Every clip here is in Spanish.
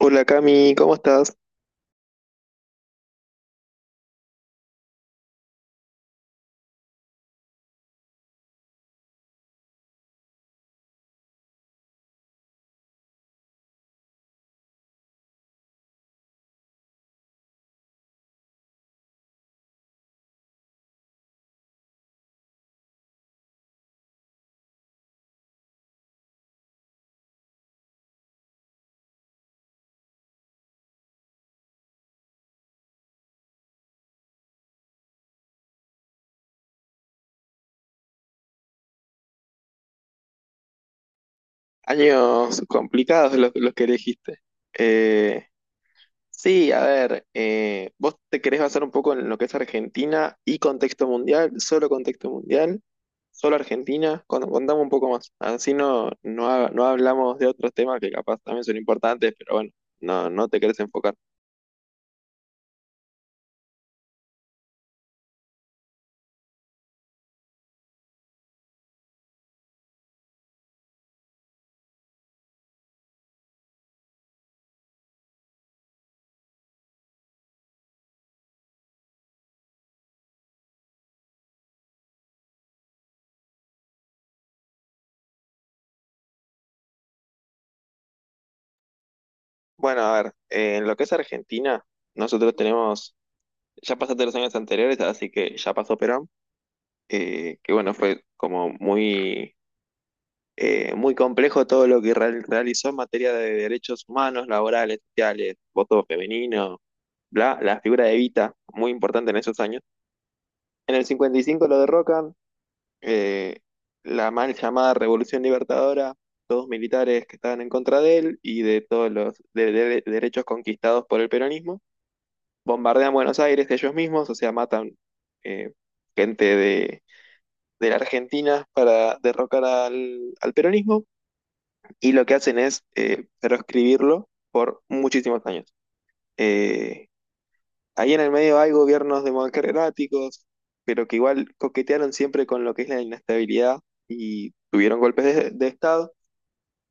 Hola Cami, ¿cómo estás? Años complicados los que elegiste. Eh, sí, a ver, vos te querés basar un poco en lo que es Argentina y contexto mundial, solo Argentina. Contame un poco más, así no hablamos de otros temas que capaz también son importantes, pero bueno, no te querés enfocar. Bueno, a ver, en lo que es Argentina, nosotros tenemos, ya pasaste los años anteriores, así que ya pasó Perón, que bueno, fue como muy muy complejo todo lo que realizó en materia de derechos humanos, laborales, sociales, voto femenino, bla, la figura de Evita, muy importante en esos años. En el 55 lo derrocan, eh, la mal llamada Revolución Libertadora, todos militares que estaban en contra de él y de todos los derechos conquistados por el peronismo. Bombardean Buenos Aires ellos mismos, o sea, matan eh, gente de la Argentina para derrocar al peronismo. Y lo que hacen es proscribirlo por muchísimos años. Eh, Ahí en el medio hay gobiernos democráticos, pero que igual coquetearon siempre con lo que es la inestabilidad y tuvieron golpes de Estado.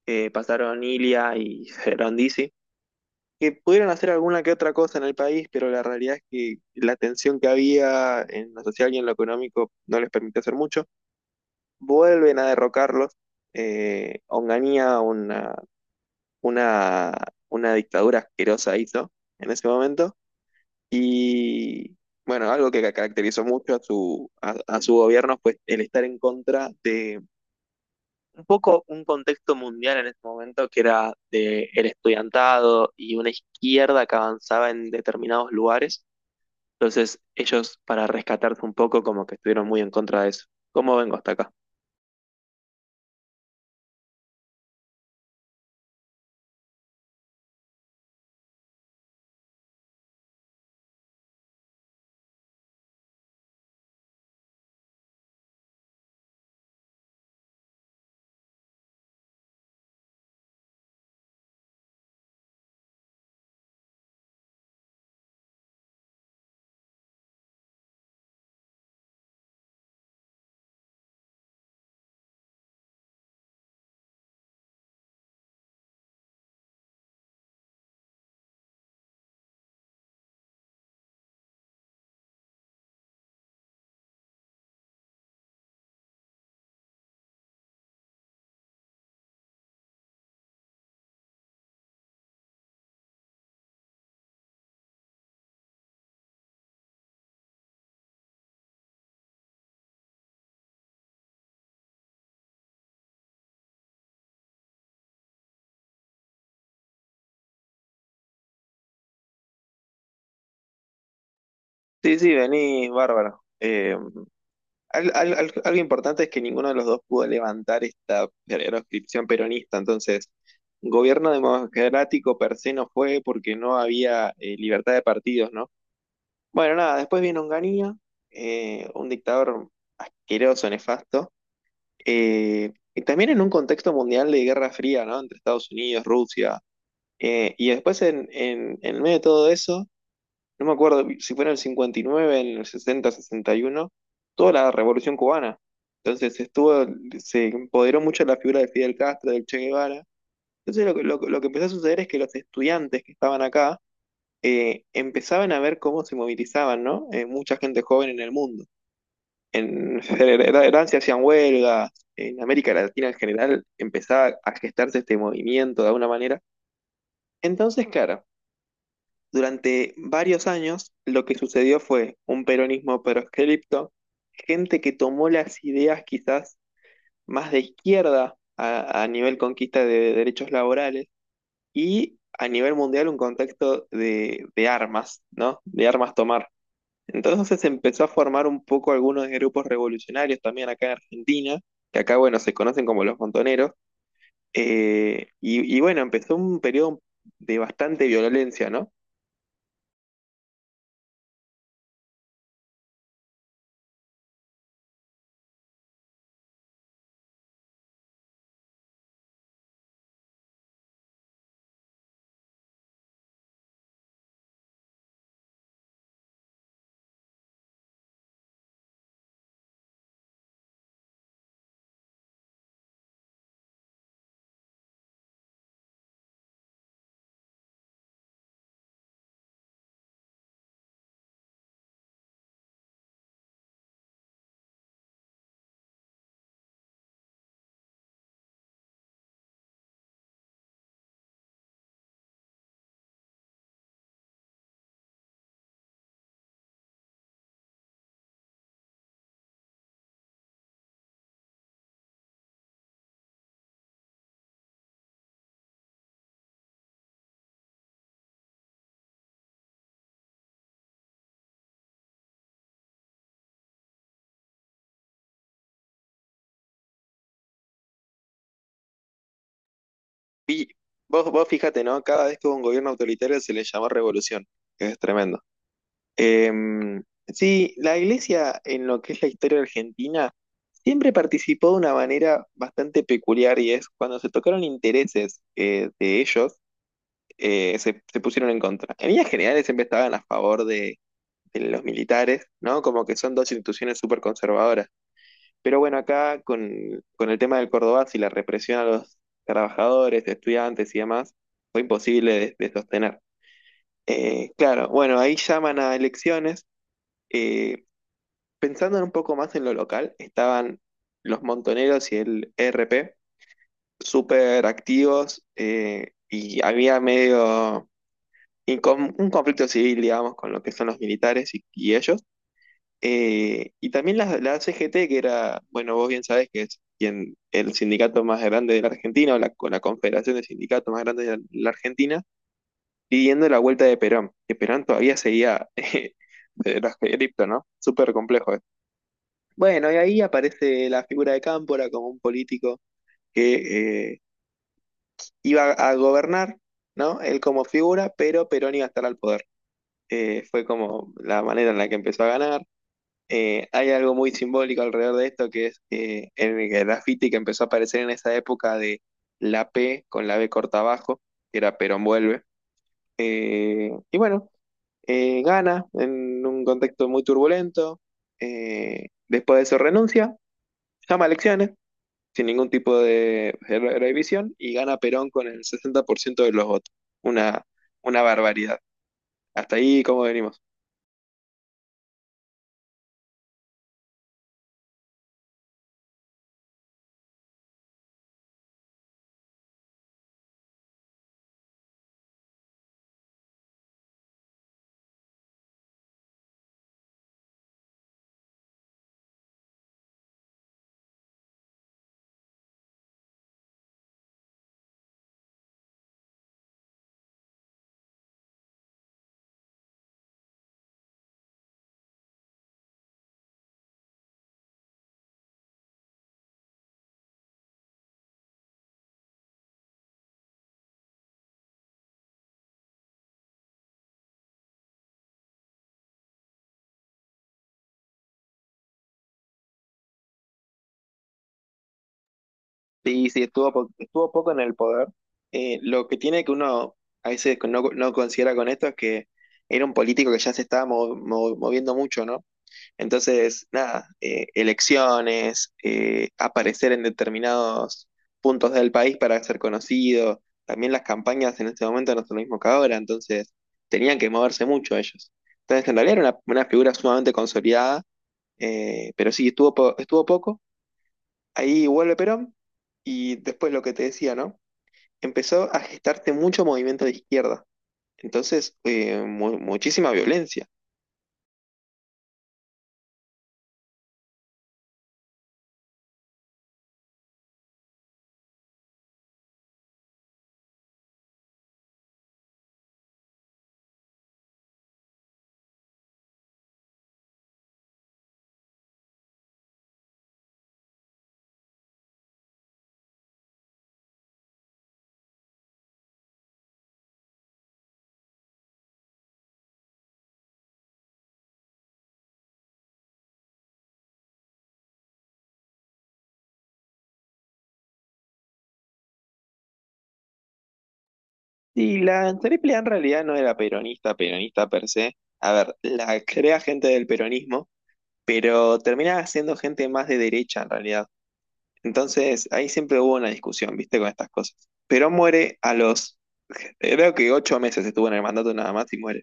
Pasaron Ilia y Gerondisi, que pudieron hacer alguna que otra cosa en el país, pero la realidad es que la tensión que había en lo social y en lo económico no les permitió hacer mucho. Vuelven a derrocarlos. Onganía, una, una dictadura asquerosa hizo en ese momento. Y bueno, algo que caracterizó mucho a a su gobierno fue el estar en contra de un poco un contexto mundial en ese momento que era de el estudiantado y una izquierda que avanzaba en determinados lugares. Entonces ellos, para rescatarse un poco, como que estuvieron muy en contra de eso. ¿Cómo vengo hasta acá? Sí, sí, venís, bárbaro. Algo importante es que ninguno de los dos pudo levantar esta proscripción peronista, entonces, gobierno democrático per se no fue porque no había libertad de partidos, ¿no? Bueno, nada, después vino Onganía, un dictador asqueroso, nefasto, y también en un contexto mundial de Guerra Fría, ¿no? Entre Estados Unidos, Rusia, y después en medio de todo eso no me acuerdo si fue en el 59, en el 60, 61, toda la Revolución Cubana. Entonces estuvo, se empoderó mucho la figura de Fidel Castro, del Che Guevara. Entonces lo que empezó a suceder es que los estudiantes que estaban acá empezaban a ver cómo se movilizaban, ¿no? Mucha gente joven en el mundo. En Francia hacían huelgas, en América Latina en general empezaba a gestarse este movimiento de alguna manera. Entonces, claro, durante varios años, lo que sucedió fue un peronismo proscripto, gente que tomó las ideas quizás más de izquierda a nivel conquista de derechos laborales y a nivel mundial un contexto de armas, ¿no? De armas tomar. Entonces se empezó a formar un poco algunos grupos revolucionarios también acá en Argentina, que acá, bueno, se conocen como los montoneros, y bueno, empezó un periodo de bastante violencia, ¿no? Y vos fíjate, ¿no? Cada vez que hubo un gobierno autoritario se le llamó revolución, que es tremendo. Sí, la iglesia en lo que es la historia argentina siempre participó de una manera bastante peculiar y es cuando se tocaron intereses de ellos, se pusieron en contra. En líneas generales siempre estaban a favor de los militares, ¿no? Como que son dos instituciones súper conservadoras. Pero bueno, acá con el tema del Cordobazo y la represión a los trabajadores, estudiantes y demás, fue imposible de sostener. Claro, bueno, ahí llaman a elecciones. eh, Pensando un poco más en lo local, estaban los Montoneros y el ERP súper activos y había un conflicto civil, digamos, con lo que son los militares y ellos. Y también la CGT, que era, bueno, vos bien sabés que es quien, el sindicato más grande de la Argentina, o la, con la confederación de sindicatos más grande de la Argentina, pidiendo la vuelta de Perón, que Perón todavía seguía de los de ¿no? Súper complejo esto. Bueno, y ahí aparece la figura de Cámpora como un político que iba a gobernar, ¿no? Él como figura, pero Perón iba a estar al poder. Fue como la manera en la que empezó a ganar. Hay algo muy simbólico alrededor de esto, que es el graffiti que empezó a aparecer en esa época de la P con la B corta abajo, que era Perón vuelve. Eh, y bueno, Gana en un contexto muy turbulento, después de eso renuncia, llama a elecciones, sin ningún tipo de revisión, y gana Perón con el 60% de los votos. Una, una barbaridad. Hasta ahí, ¿cómo venimos? Sí, sí, estuvo poco en el poder. Lo que tiene que uno a veces no considera con esto es que era un político que ya se estaba moviendo mucho, ¿no? Entonces, nada, elecciones, aparecer en determinados puntos del país para ser conocido, también las campañas en este momento no son lo mismo que ahora, entonces tenían que moverse mucho ellos. Entonces, en realidad era una figura sumamente consolidada, pero sí, estuvo poco. Ahí vuelve Perón y después lo que te decía, ¿no? Empezó a gestarse mucho movimiento de izquierda, entonces muchísima violencia. Y la Triple A en realidad no era peronista, peronista per se. A ver, la crea gente del peronismo, pero terminaba siendo gente más de derecha en realidad. Entonces ahí siempre hubo una discusión, ¿viste? Con estas cosas. Perón muere a los, creo que 8 meses estuvo en el mandato nada más y muere.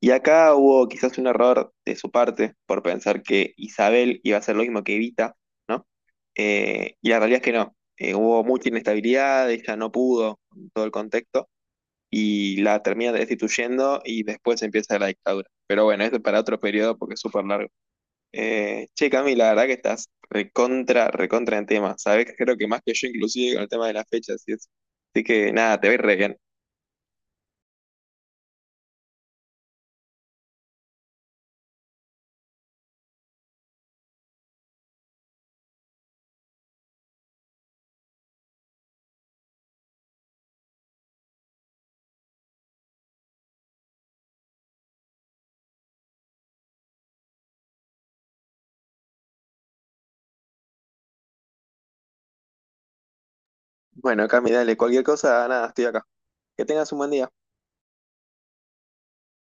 Y acá hubo quizás un error de su parte por pensar que Isabel iba a hacer lo mismo que Evita, ¿no? Y la realidad es que no. Hubo mucha inestabilidad, ella no pudo con todo el contexto y la termina destituyendo y después empieza la dictadura. Pero bueno, esto es para otro periodo porque es súper largo. Che, Cami, la verdad que estás recontra, recontra en tema. Sabés que creo que más que yo inclusive con el tema de las fechas y eso. Así que nada, te voy re bien. Bueno, Cami, dale, cualquier cosa, nada, estoy acá. Que tengas un buen día.